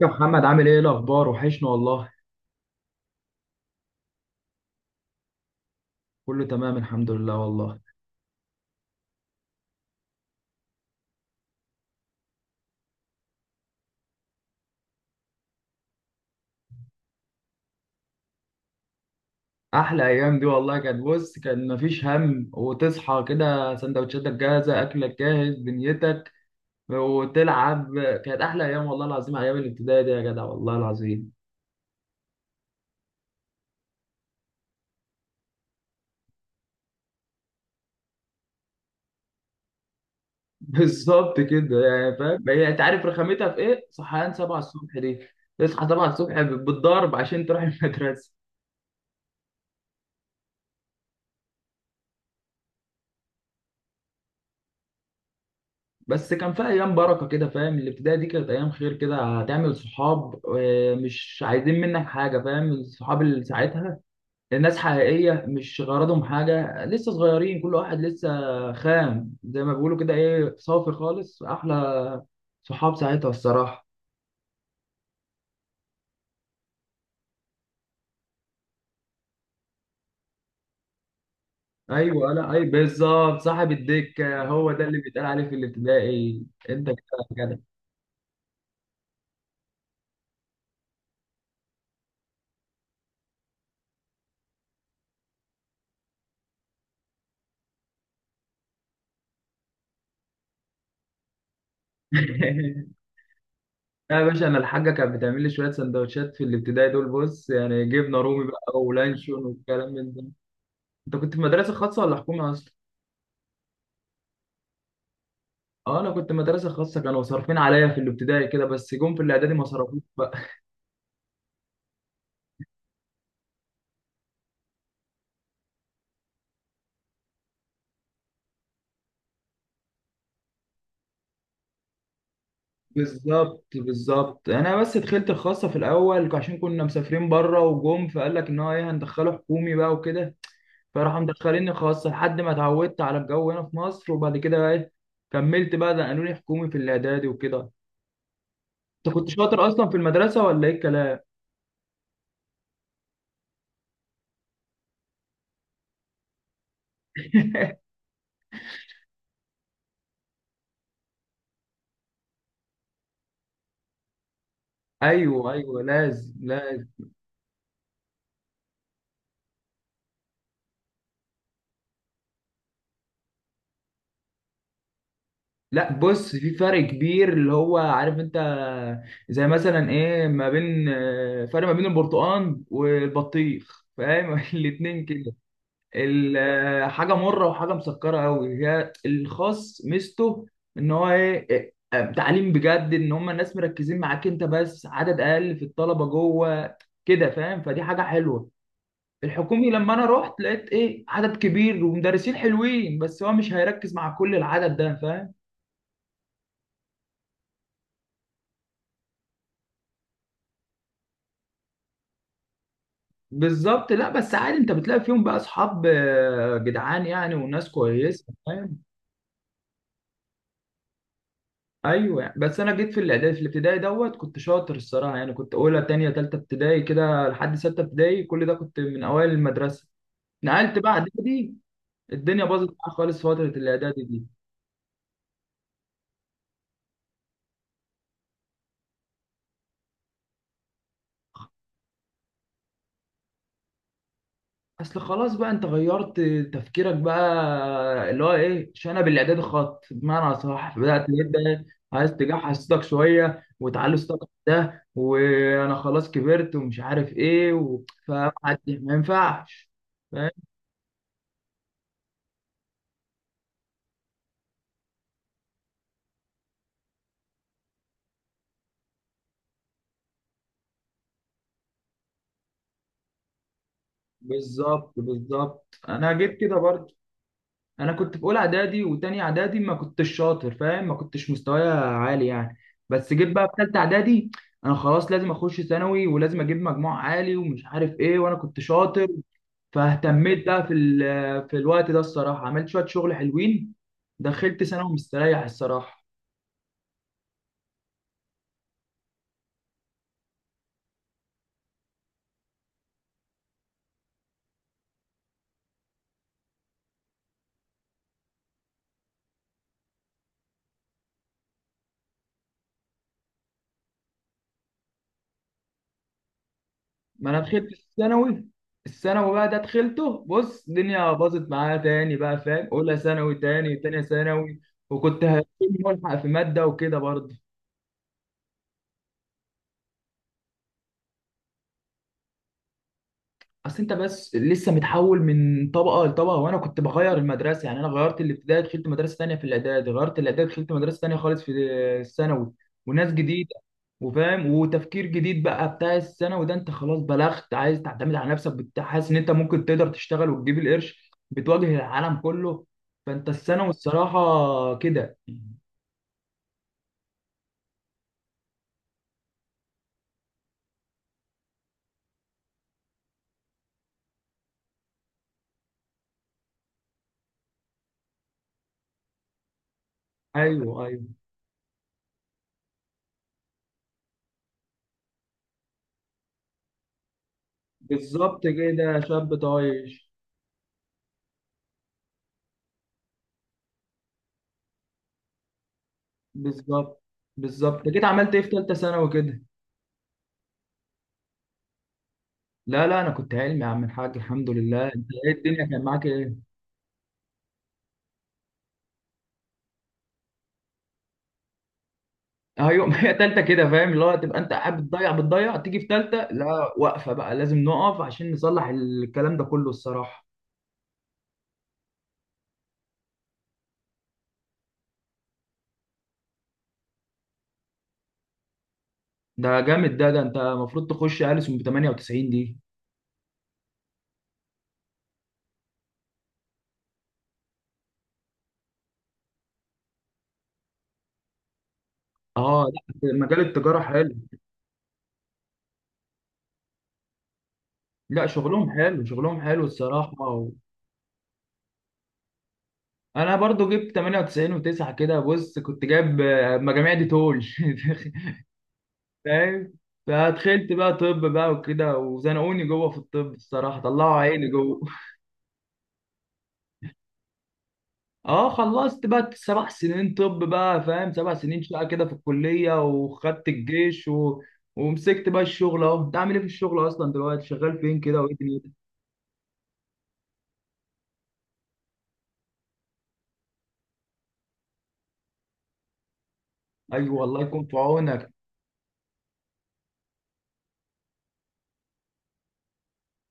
يا محمد عامل ايه الاخبار؟ وحشنا والله. كله تمام الحمد لله والله. احلى ايام دي والله، كانت بص كان مفيش هم، وتصحى كده سندوتشاتك جاهزه، اكلك جاهز، دنيتك وتلعب. كانت احلى ايام والله العظيم، ايام الابتدائي دي يا جدع والله العظيم. بالظبط كده، يعني فاهم هي انت عارف رخامتها في ايه؟ صحيان 7 الصبح دي، تصحى 7 الصبح بالضرب عشان تروح المدرسه. بس كان في ايام بركه كده فاهم، الابتدائي دي كانت ايام خير كده، هتعمل صحاب مش عايزين منك حاجه، فاهم؟ الصحاب اللي ساعتها الناس حقيقيه، مش غرضهم حاجه، لسه صغيرين، كل واحد لسه خام زي ما بيقولوا كده، ايه صافي خالص، احلى صحاب ساعتها الصراحه. ايوه لا اي بالظبط، صاحب الدكه هو ده اللي بيتقال عليه في الابتدائي، انت كده كده. لا يا باشا، انا الحاجه كانت بتعمل لي شويه سندوتشات في الابتدائي دول، بص يعني جبنه رومي بقى ولانشون والكلام من ده. انت كنت في مدرسه خاصه ولا حكومه اصلا؟ اه انا كنت مدرسه خاصه، كانوا صارفين عليا في الابتدائي كده بس جم في الاعدادي ما صرفوش بقى. بالظبط بالظبط، يعني انا بس دخلت الخاصه في الاول عشان كنا مسافرين بره، وجم فقال لك ان هو ايه، هندخله حكومي بقى وكده، فراحوا مدخليني خاصه لحد ما اتعودت على الجو هنا في مصر، وبعد كده بقى ايه كملت بقى ده قانوني حكومي في الاعدادي وكده. انت كنت شاطر اصلا في المدرسه ولا ايه الكلام؟ ايوه ايوه، لازم لازم. لا بص في فرق كبير، اللي هو عارف انت زي مثلا ايه ما بين فرق ما بين البرتقال والبطيخ، فاهم؟ الاتنين كده، حاجه مره وحاجه مسكره قوي. هي الخاص ميزته ان هو ايه، تعليم بجد، ان هم الناس مركزين معاك انت بس، عدد اقل في الطلبه جوه كده فاهم، فدي حاجه حلوه. الحكومي لما انا رحت لقيت ايه، عدد كبير ومدرسين حلوين، بس هو مش هيركز مع كل العدد ده فاهم. بالظبط، لا بس عادي انت بتلاقي فيهم بقى اصحاب جدعان يعني، وناس كويسه فاهم. ايوه يعني. بس انا جيت في الاعدادي، في الابتدائي دوت كنت شاطر الصراحه، يعني كنت اولى تانية تالتة ابتدائي كده لحد ستة ابتدائي، كل ده كنت من اوائل المدرسه. نقلت بقى اعدادي، الدنيا باظت معايا خالص فتره الاعدادي دي. اصل خلاص بقى انت غيرت تفكيرك بقى، اللي هو ايه، شنب الاعداد خط بمعنى صح، بدات جدا عايز تجحس صوتك شويه وتعلي صوتك ده، وانا خلاص كبرت ومش عارف ايه و... فما ما ينفعش، فاهم. بالظبط بالظبط، انا جيت كده برضه، انا كنت في اولى اعدادي وتاني اعدادي ما كنتش شاطر فاهم، ما كنتش مستوايا عالي يعني. بس جيت بقى في ثالثه اعدادي، انا خلاص لازم اخش ثانوي، ولازم اجيب مجموع عالي ومش عارف ايه، وانا كنت شاطر، فاهتميت بقى في الوقت ده الصراحه، عملت شويه شغل حلوين، دخلت ثانوي مستريح الصراحه. ما انا دخلت الثانوي، الثانوي بقى ده دخلته، بص الدنيا باظت معايا تاني بقى فاهم، اولى ثانوي تاني تانية ثانوي، وكنت هكون ملحق في ماده وكده برضه. اصل انت بس لسه متحول من طبقه لطبقه، وانا كنت بغير المدرسه، يعني انا غيرت الابتدائي دخلت مدرسه ثانيه، في الاعدادي غيرت الاعدادي دخلت مدرسه ثانيه خالص في الثانوي، وناس جديده وفاهم، وتفكير جديد بقى بتاع الثانوي ده، انت خلاص بلغت عايز تعتمد على نفسك، حاسس ان انت ممكن تقدر تشتغل وتجيب القرش، بتواجه العالم كله، فانت الثانوي الصراحه كده. ايوه ايوه بالظبط كده شاب طايش. بالظبط بالظبط، انت كده عملت ايه في ثالثه ثانوي كده؟ لا لا انا كنت علمي يا عم الحاج الحمد لله، انت ايه الدنيا كان معاك ايه؟ ايوه ما هي تالتة كده فاهم، اللي هو تبقى انت قاعد بتضيع بتضيع تيجي في تالتة، لا واقفة بقى لازم نقف عشان نصلح الكلام ده كله الصراحة. ده جامد ده انت المفروض تخش ألسن ب 98 دي. اه، لا مجال التجارة حلو. لا شغلهم حلو شغلهم حلو الصراحة انا برضو جبت 98 و9 كده، بص كنت جايب مجاميع دي تول. فاهم. فدخلت بقى طب بقى وكده، وزنقوني جوه في الطب الصراحه، طلعوا عيني جوه. اه خلصت بقى 7 سنين طب بقى فاهم، 7 سنين شقه كده في الكليه، وخدت الجيش ومسكت بقى الشغل اهو. انت عامل ايه في الشغل اصلا دلوقتي، شغال فين كده وايه دنيتك؟ ايوه والله يكون في عونك.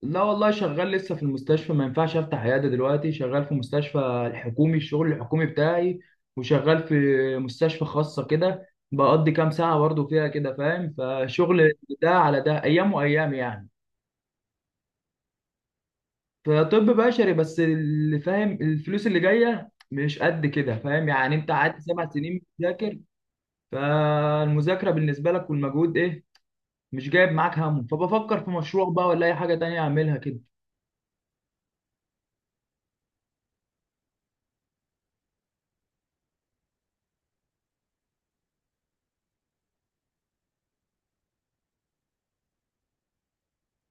لا والله شغال لسه في المستشفى، ما ينفعش افتح عياده دلوقتي، شغال في مستشفى الحكومي الشغل الحكومي بتاعي، وشغال في مستشفى خاصه كده، بقضي كام ساعه برضه فيها كده فاهم، فشغل ده على ده ايام وايام يعني. فطب بشري بس، اللي فاهم الفلوس اللي جايه مش قد كده فاهم، يعني انت قعدت 7 سنين بتذاكر، فالمذاكره بالنسبه لك والمجهود ايه، مش جايب معاك همه، فبفكر في مشروع بقى ولا اي حاجه تانية اعملها كده.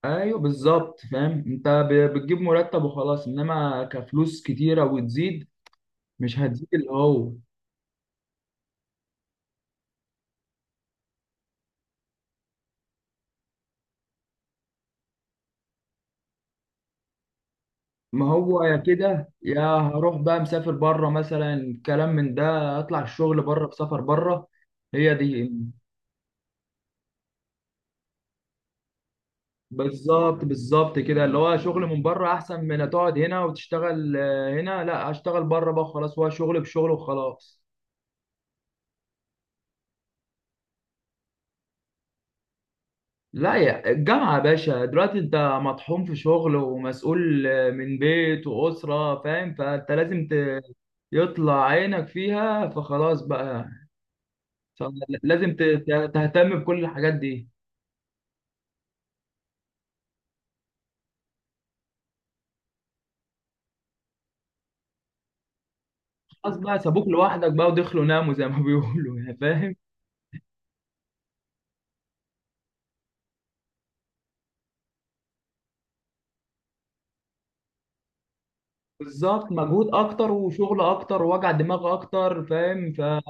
ايوه بالظبط فاهم، انت بتجيب مرتب وخلاص، انما كفلوس كتيره وتزيد مش هتزيد اللي هو. ما هو يا كده يا هروح بقى مسافر بره مثلا، كلام من ده، اطلع الشغل بره، بسفر بره، هي دي. بالظبط بالظبط كده، اللي هو شغل من بره احسن من تقعد هنا وتشتغل هنا، لا اشتغل بره بقى خلاص، هو شغل بشغل وخلاص. لا يا الجامعة يا باشا، دلوقتي انت مطحون في شغل ومسؤول من بيت وأسرة فاهم، فانت لازم يطلع عينك فيها فخلاص بقى، لازم تهتم بكل الحاجات دي، خلاص بقى سابوك لوحدك بقى ودخلوا ناموا زي ما بيقولوا يعني فاهم. بالظبط، مجهود اكتر وشغل اكتر ووجع دماغ اكتر فاهم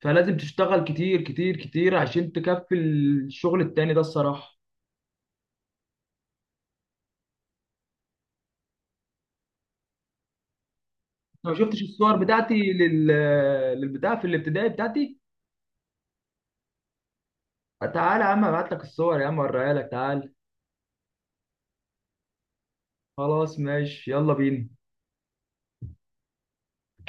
فلازم تشتغل كتير كتير كتير عشان تكفي الشغل التاني ده الصراحة. أنت ما شفتش الصور بتاعتي للبتاع في الابتدائي بتاعتي؟ تعال يا عم ابعت لك الصور يا عم اوريها لك، تعال. خلاص ماشي يلا بينا.